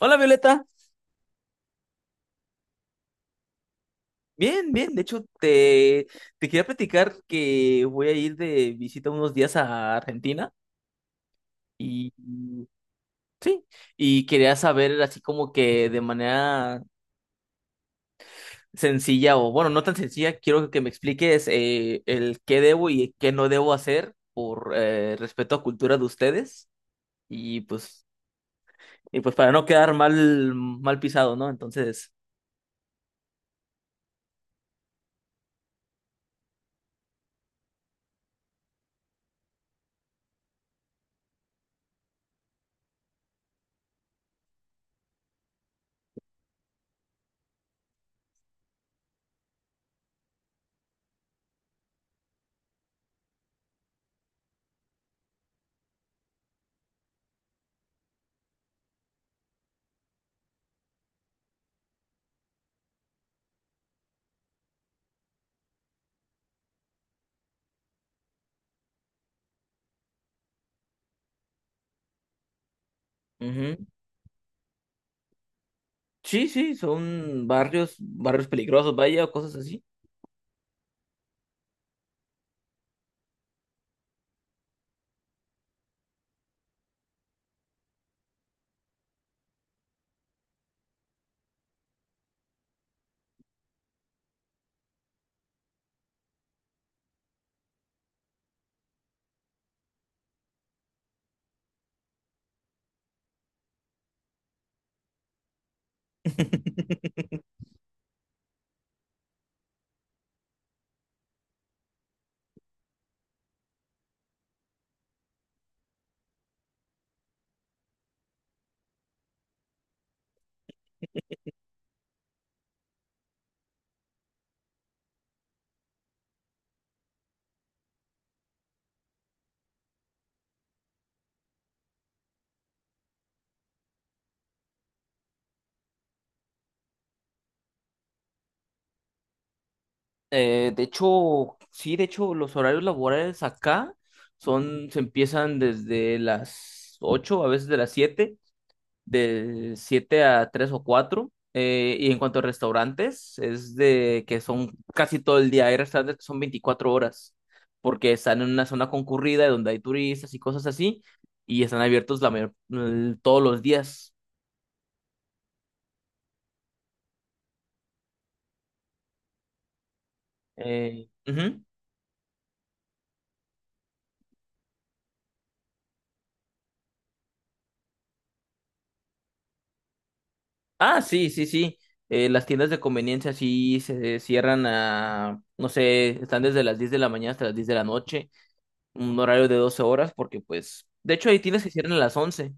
Hola Violeta, bien, bien, de hecho te quería platicar que voy a ir de visita unos días a Argentina y, y quería saber así como que de manera sencilla o bueno, no tan sencilla, quiero que me expliques el qué debo y qué no debo hacer por respeto a cultura de ustedes y pues, y pues para no quedar mal pisado, ¿no? Entonces, ujú. Sí, sí, son barrios peligrosos, vaya, o cosas así. De hecho, sí, de hecho, los horarios laborales acá se empiezan desde las 8 a veces de las 7, de 7 a 3 o 4. Y en cuanto a restaurantes, es de que son casi todo el día. Hay restaurantes que son 24 horas, porque están en una zona concurrida donde hay turistas y cosas así, y están abiertos todos los días. Ujú. Ah, sí, sí, sí. Las tiendas de conveniencia sí se cierran a, no sé, están desde las 10 de la mañana hasta las 10 de la noche, un horario de 12 horas, porque pues, de hecho hay tiendas que cierran a las 11,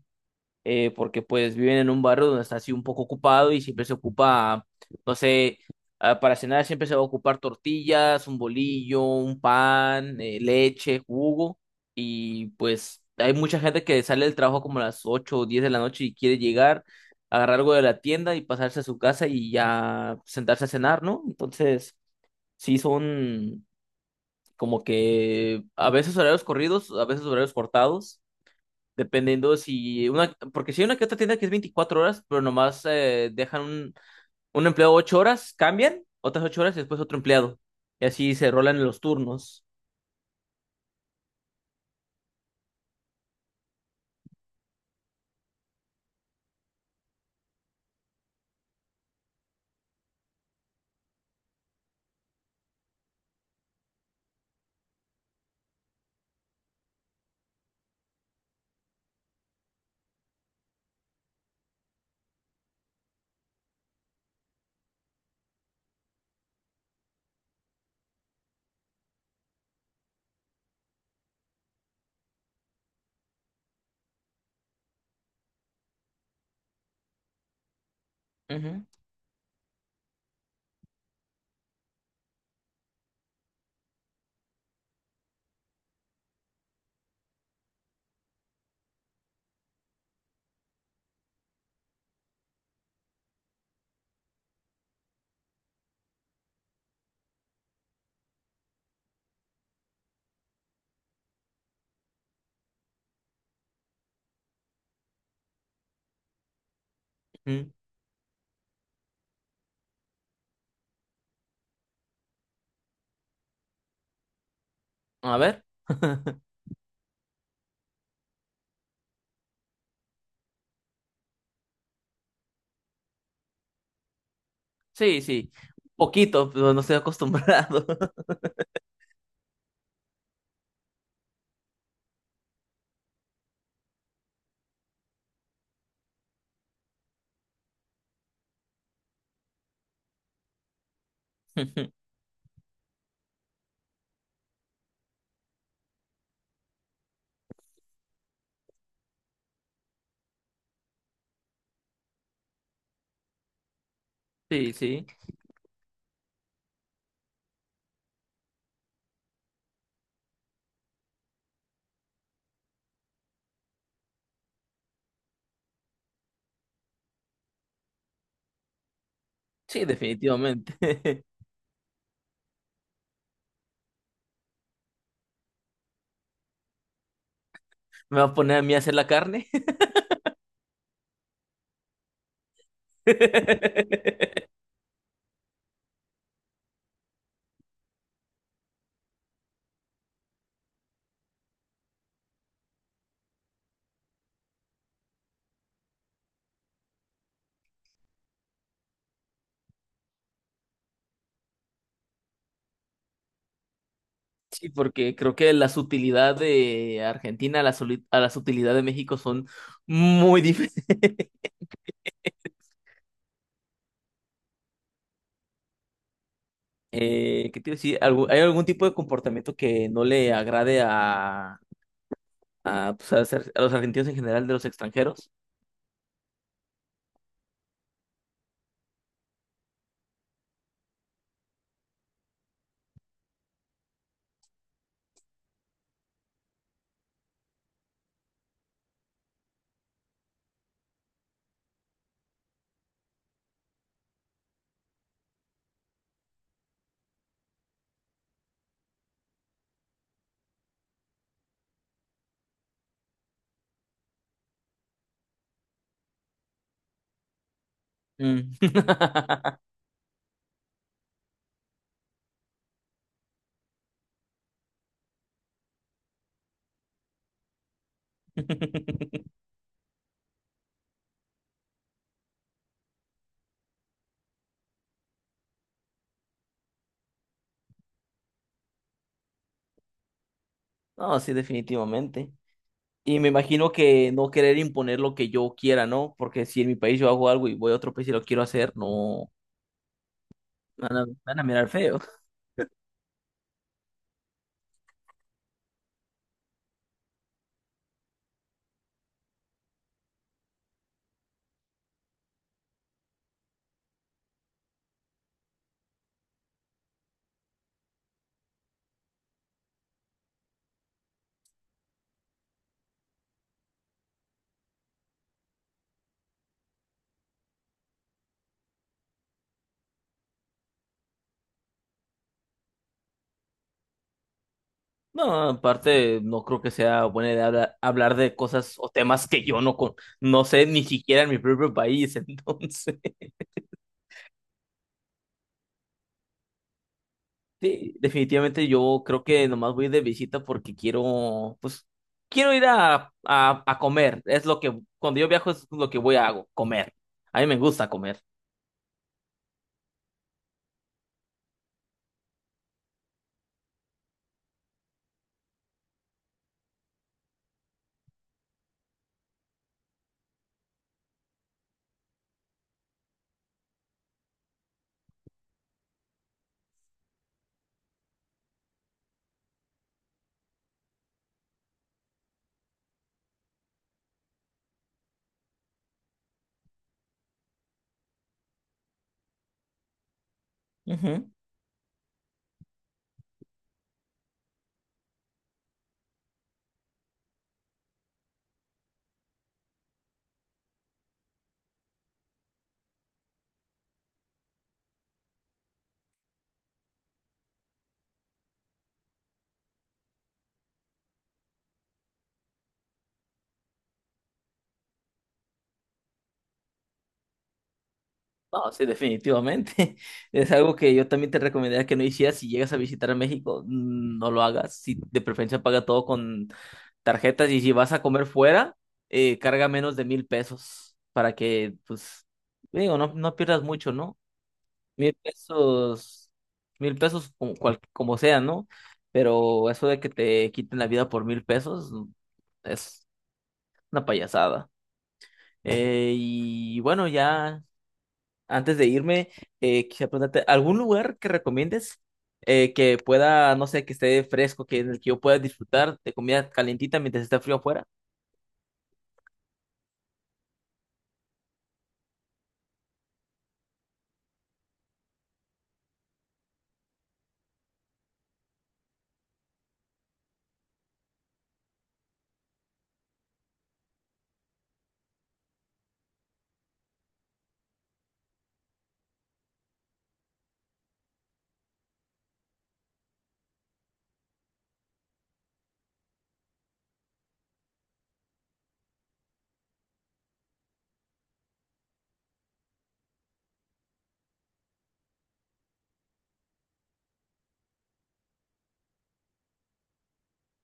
porque pues viven en un barrio donde está así un poco ocupado y siempre se ocupa, no sé, para cenar siempre se va a ocupar tortillas, un bolillo, un pan, leche, jugo y pues hay mucha gente que sale del trabajo como a las 8 o 10 de la noche y quiere llegar, agarrar algo de la tienda y pasarse a su casa y ya sentarse a cenar, ¿no? Entonces, sí son como que a veces horarios corridos, a veces horarios cortados. Dependiendo porque si hay una que otra tienda que es 24 horas, pero nomás dejan un empleado 8 horas, cambian otras 8 horas y después otro empleado. Y así se rolan en los turnos. Ujú, ujú. A ver. Sí, sí. Poquito, pero no estoy acostumbrado. Sí, sí. Sí, definitivamente. Me va a poner a mí a hacer la carne. Sí, porque creo que las utilidades de Argentina a las utilidades de México son muy diferentes. ¿Qué te iba a decir? ¿Hay algún tipo de comportamiento que no le agrade a, pues, a los argentinos en general de los extranjeros? Mm. No, sí, definitivamente. Y me imagino que no querer imponer lo que yo quiera, ¿no? Porque si en mi país yo hago algo y voy a otro país y lo quiero hacer, no, me van a mirar feo. No, aparte, no creo que sea buena idea hablar, de cosas o temas que yo no, con, no sé ni siquiera en mi propio país, entonces. Sí, definitivamente yo creo que nomás voy de visita porque quiero, pues, quiero ir a comer. Es lo que, cuando yo viajo es lo que voy a hago, comer. A mí me gusta comer. Ujú. No, sí, definitivamente. Es algo que yo también te recomendaría que no hicieras si llegas a visitar a México. No lo hagas. Si de preferencia paga todo con tarjetas y si vas a comer fuera, carga menos de 1,000 pesos para que, pues, digo, no, no pierdas mucho, ¿no? 1,000 pesos, 1,000 pesos como, como sea, ¿no? Pero eso de que te quiten la vida por mil pesos, es una payasada. Y bueno, ya antes de irme, quisiera preguntarte, ¿algún lugar que recomiendes, que pueda, no sé, que esté fresco, que en el que yo pueda disfrutar de comida calientita mientras está frío afuera?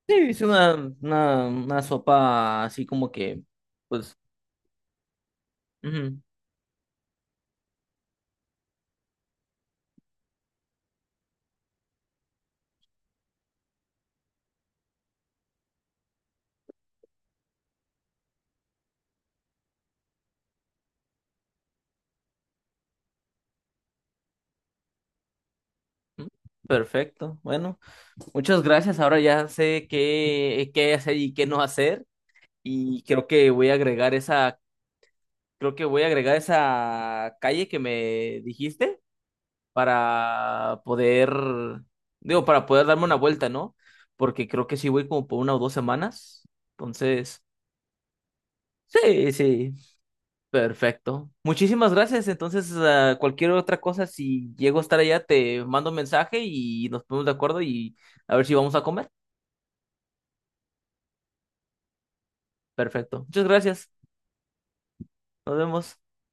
Sí, hice una sopa así como que, pues, ujú, ujú, perfecto. Bueno, muchas gracias. Ahora ya sé qué hacer y qué no hacer. Y creo que voy a agregar esa, creo que voy a agregar esa calle que me dijiste para poder, digo, para poder darme una vuelta, ¿no? Porque creo que sí voy como por 1 o 2 semanas. Entonces, sí, sí. Perfecto. Muchísimas gracias. Entonces, ah, cualquier otra cosa, si llego a estar allá, te mando un mensaje y nos ponemos de acuerdo y a ver si vamos a comer. Perfecto. Muchas gracias. Nos vemos.